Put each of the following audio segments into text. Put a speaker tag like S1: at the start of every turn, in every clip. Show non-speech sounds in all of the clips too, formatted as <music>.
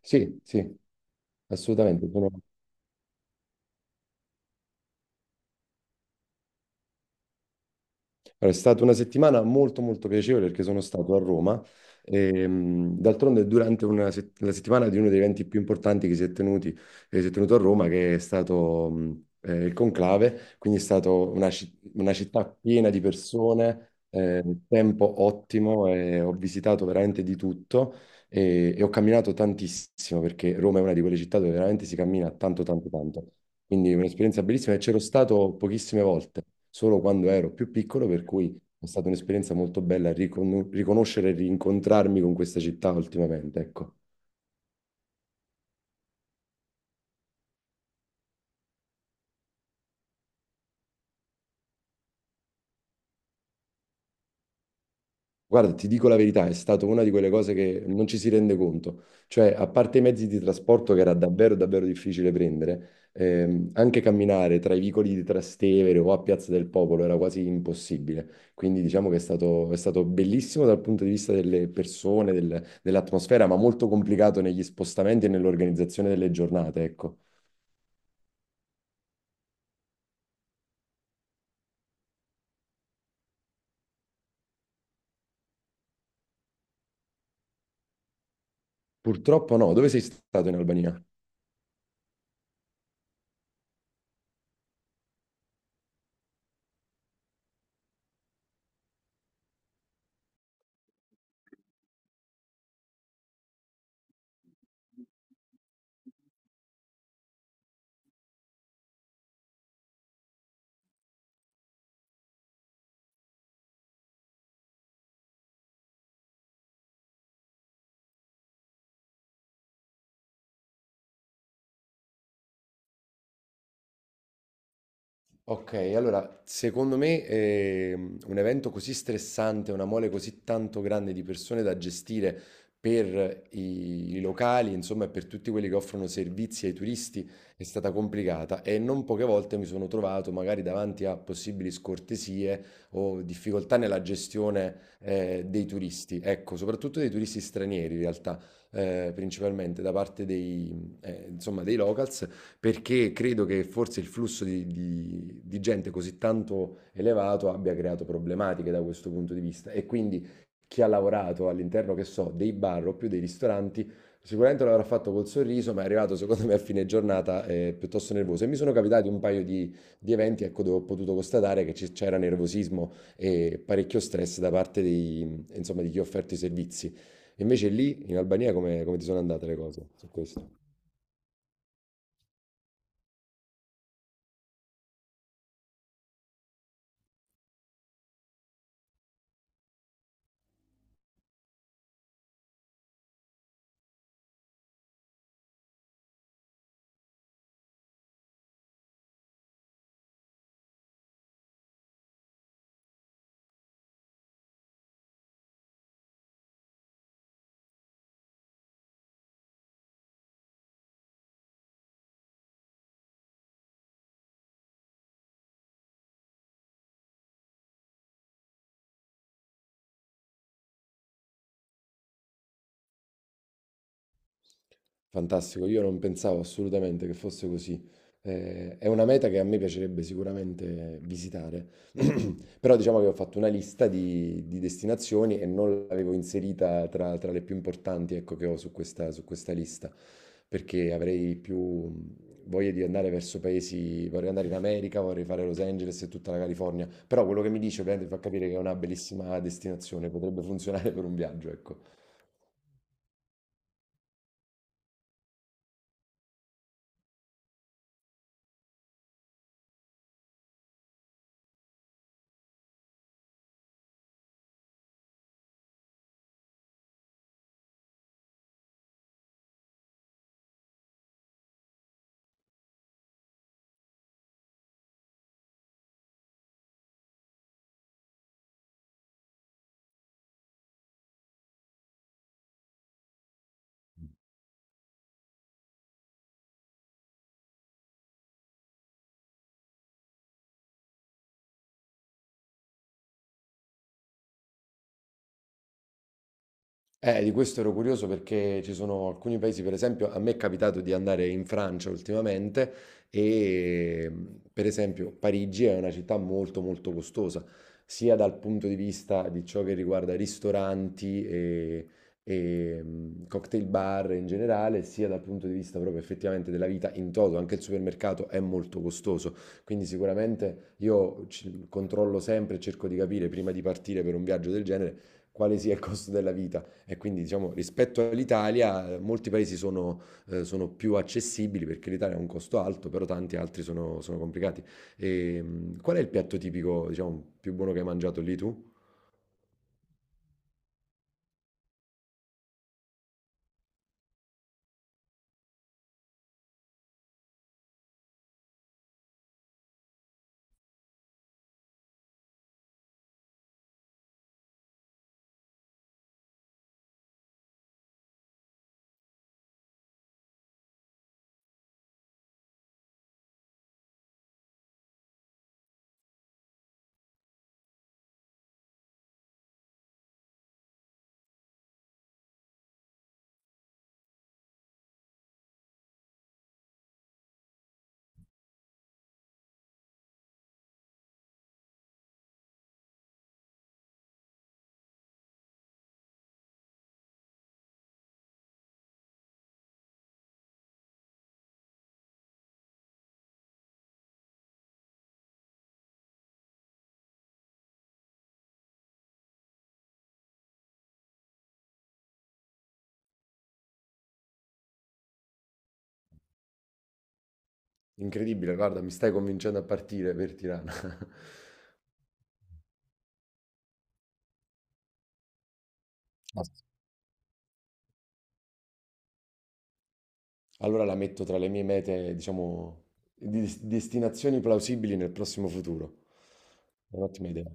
S1: Sì, sì, assolutamente. È stata una settimana molto molto piacevole perché sono stato a Roma. D'altronde durante la settimana di uno degli eventi più importanti che si è tenuti, si è tenuto a Roma, che è stato il Conclave, quindi è stata una città piena di persone, tempo ottimo, e ho visitato veramente di tutto e ho camminato tantissimo perché Roma è una di quelle città dove veramente si cammina tanto tanto tanto. Quindi un'esperienza bellissima e c'ero stato pochissime volte, solo quando ero più piccolo, per cui è stata un'esperienza molto bella riconoscere e rincontrarmi con questa città ultimamente, ecco. Guarda, ti dico la verità, è stata una di quelle cose che non ci si rende conto. Cioè, a parte i mezzi di trasporto che era davvero, davvero difficile prendere, anche camminare tra i vicoli di Trastevere o a Piazza del Popolo era quasi impossibile. Quindi diciamo che è stato bellissimo dal punto di vista delle persone, dell'atmosfera, ma molto complicato negli spostamenti e nell'organizzazione delle giornate, ecco. Purtroppo no. Dove sei stato in Albania? Ok, allora, secondo me un evento così stressante, una mole così tanto grande di persone da gestire per i locali, insomma, e per tutti quelli che offrono servizi ai turisti, è stata complicata e non poche volte mi sono trovato magari davanti a possibili scortesie o difficoltà nella gestione dei turisti, ecco, soprattutto dei turisti stranieri in realtà, principalmente da parte insomma, dei locals perché credo che forse il flusso di gente così tanto elevato abbia creato problematiche da questo punto di vista. E quindi chi ha lavorato all'interno, che so, dei bar o più dei ristoranti, sicuramente l'avrà fatto col sorriso, ma è arrivato secondo me a fine giornata piuttosto nervoso. E mi sono capitati un paio di eventi, ecco, dove ho potuto constatare che c'era nervosismo e parecchio stress da parte insomma, di chi ha offerto i servizi. Invece lì in Albania come ti sono andate le cose su questo? Fantastico, io non pensavo assolutamente che fosse così. È una meta che a me piacerebbe sicuramente visitare, <clears throat> però diciamo che ho fatto una lista di destinazioni e non l'avevo inserita tra le più importanti, ecco, che ho su su questa lista, perché avrei più voglia di andare verso paesi, vorrei andare in America, vorrei fare Los Angeles e tutta la California, però quello che mi dice ovviamente fa capire che è una bellissima destinazione, potrebbe funzionare <laughs> per un viaggio, ecco. Di questo ero curioso perché ci sono alcuni paesi, per esempio, a me è capitato di andare in Francia ultimamente e mm, per esempio Parigi è una città molto molto costosa, sia dal punto di vista di ciò che riguarda ristoranti e cocktail bar in generale, sia dal punto di vista proprio effettivamente della vita in toto, anche il supermercato è molto costoso, quindi sicuramente io controllo sempre e cerco di capire prima di partire per un viaggio del genere quale sia il costo della vita e quindi, diciamo, rispetto all'Italia, molti paesi sono più accessibili perché l'Italia ha un costo alto, però tanti altri sono complicati. Qual è il piatto tipico, diciamo, più buono che hai mangiato lì tu? Incredibile, guarda, mi stai convincendo a partire per Tirana. <laughs> Ma allora la metto tra le mie mete, diciamo, di destinazioni plausibili nel prossimo futuro. È un'ottima idea.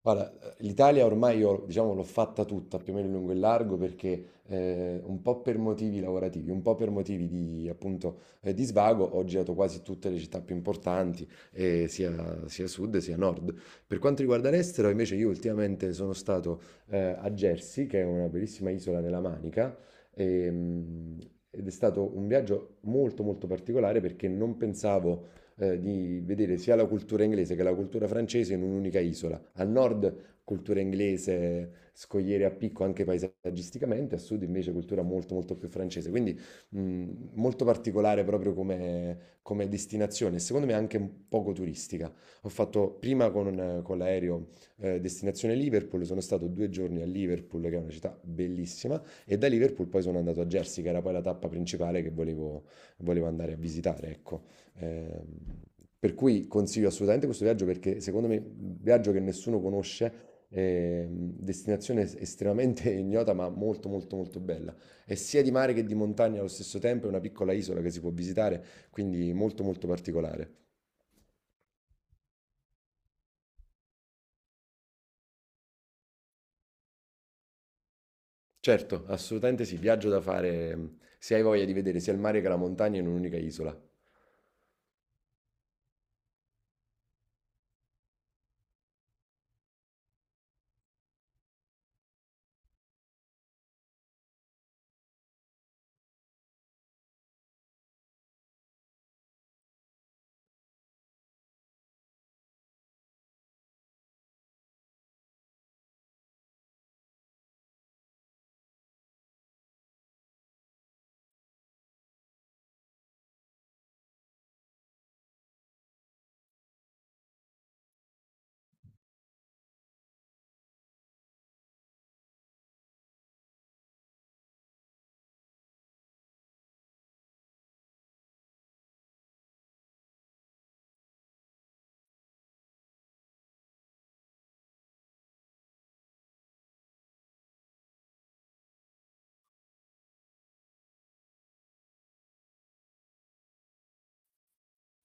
S1: Guarda, l'Italia ormai io, diciamo, l'ho fatta tutta più o meno in lungo e largo perché un po' per motivi lavorativi, un po' per motivi di, appunto, di svago, ho girato quasi tutte le città più importanti, eh, sia sud sia nord. Per quanto riguarda l'estero, invece, io ultimamente sono stato a Jersey, che è una bellissima isola nella Manica, ehm, ed è stato un viaggio molto molto particolare perché non pensavo di vedere sia la cultura inglese che la cultura francese in un'unica isola. Al nord cultura inglese, scogliere a picco anche paesaggisticamente, a sud invece cultura molto molto più francese. Quindi mh, molto particolare proprio come destinazione, e secondo me anche un poco turistica. Ho fatto prima con l'aereo destinazione Liverpool, sono stato 2 giorni a Liverpool, che è una città bellissima, e da Liverpool poi sono andato a Jersey, che era poi la tappa principale che volevo andare a visitare, ecco. Ehm, per cui consiglio assolutamente questo viaggio perché secondo me è un viaggio che nessuno conosce, destinazione estremamente <laughs> ignota ma molto molto molto bella. È sia di mare che di montagna allo stesso tempo, è una piccola isola che si può visitare, quindi molto molto particolare. Certo, assolutamente sì, viaggio da fare se hai voglia di vedere sia il mare che la montagna in un'unica isola.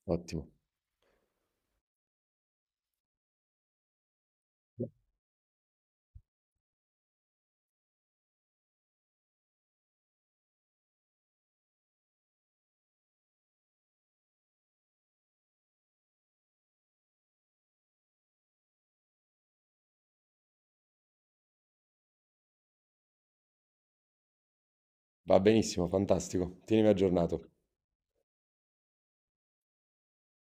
S1: Ottimo, va benissimo, fantastico. Tienimi aggiornato.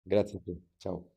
S1: Grazie a te. Ciao.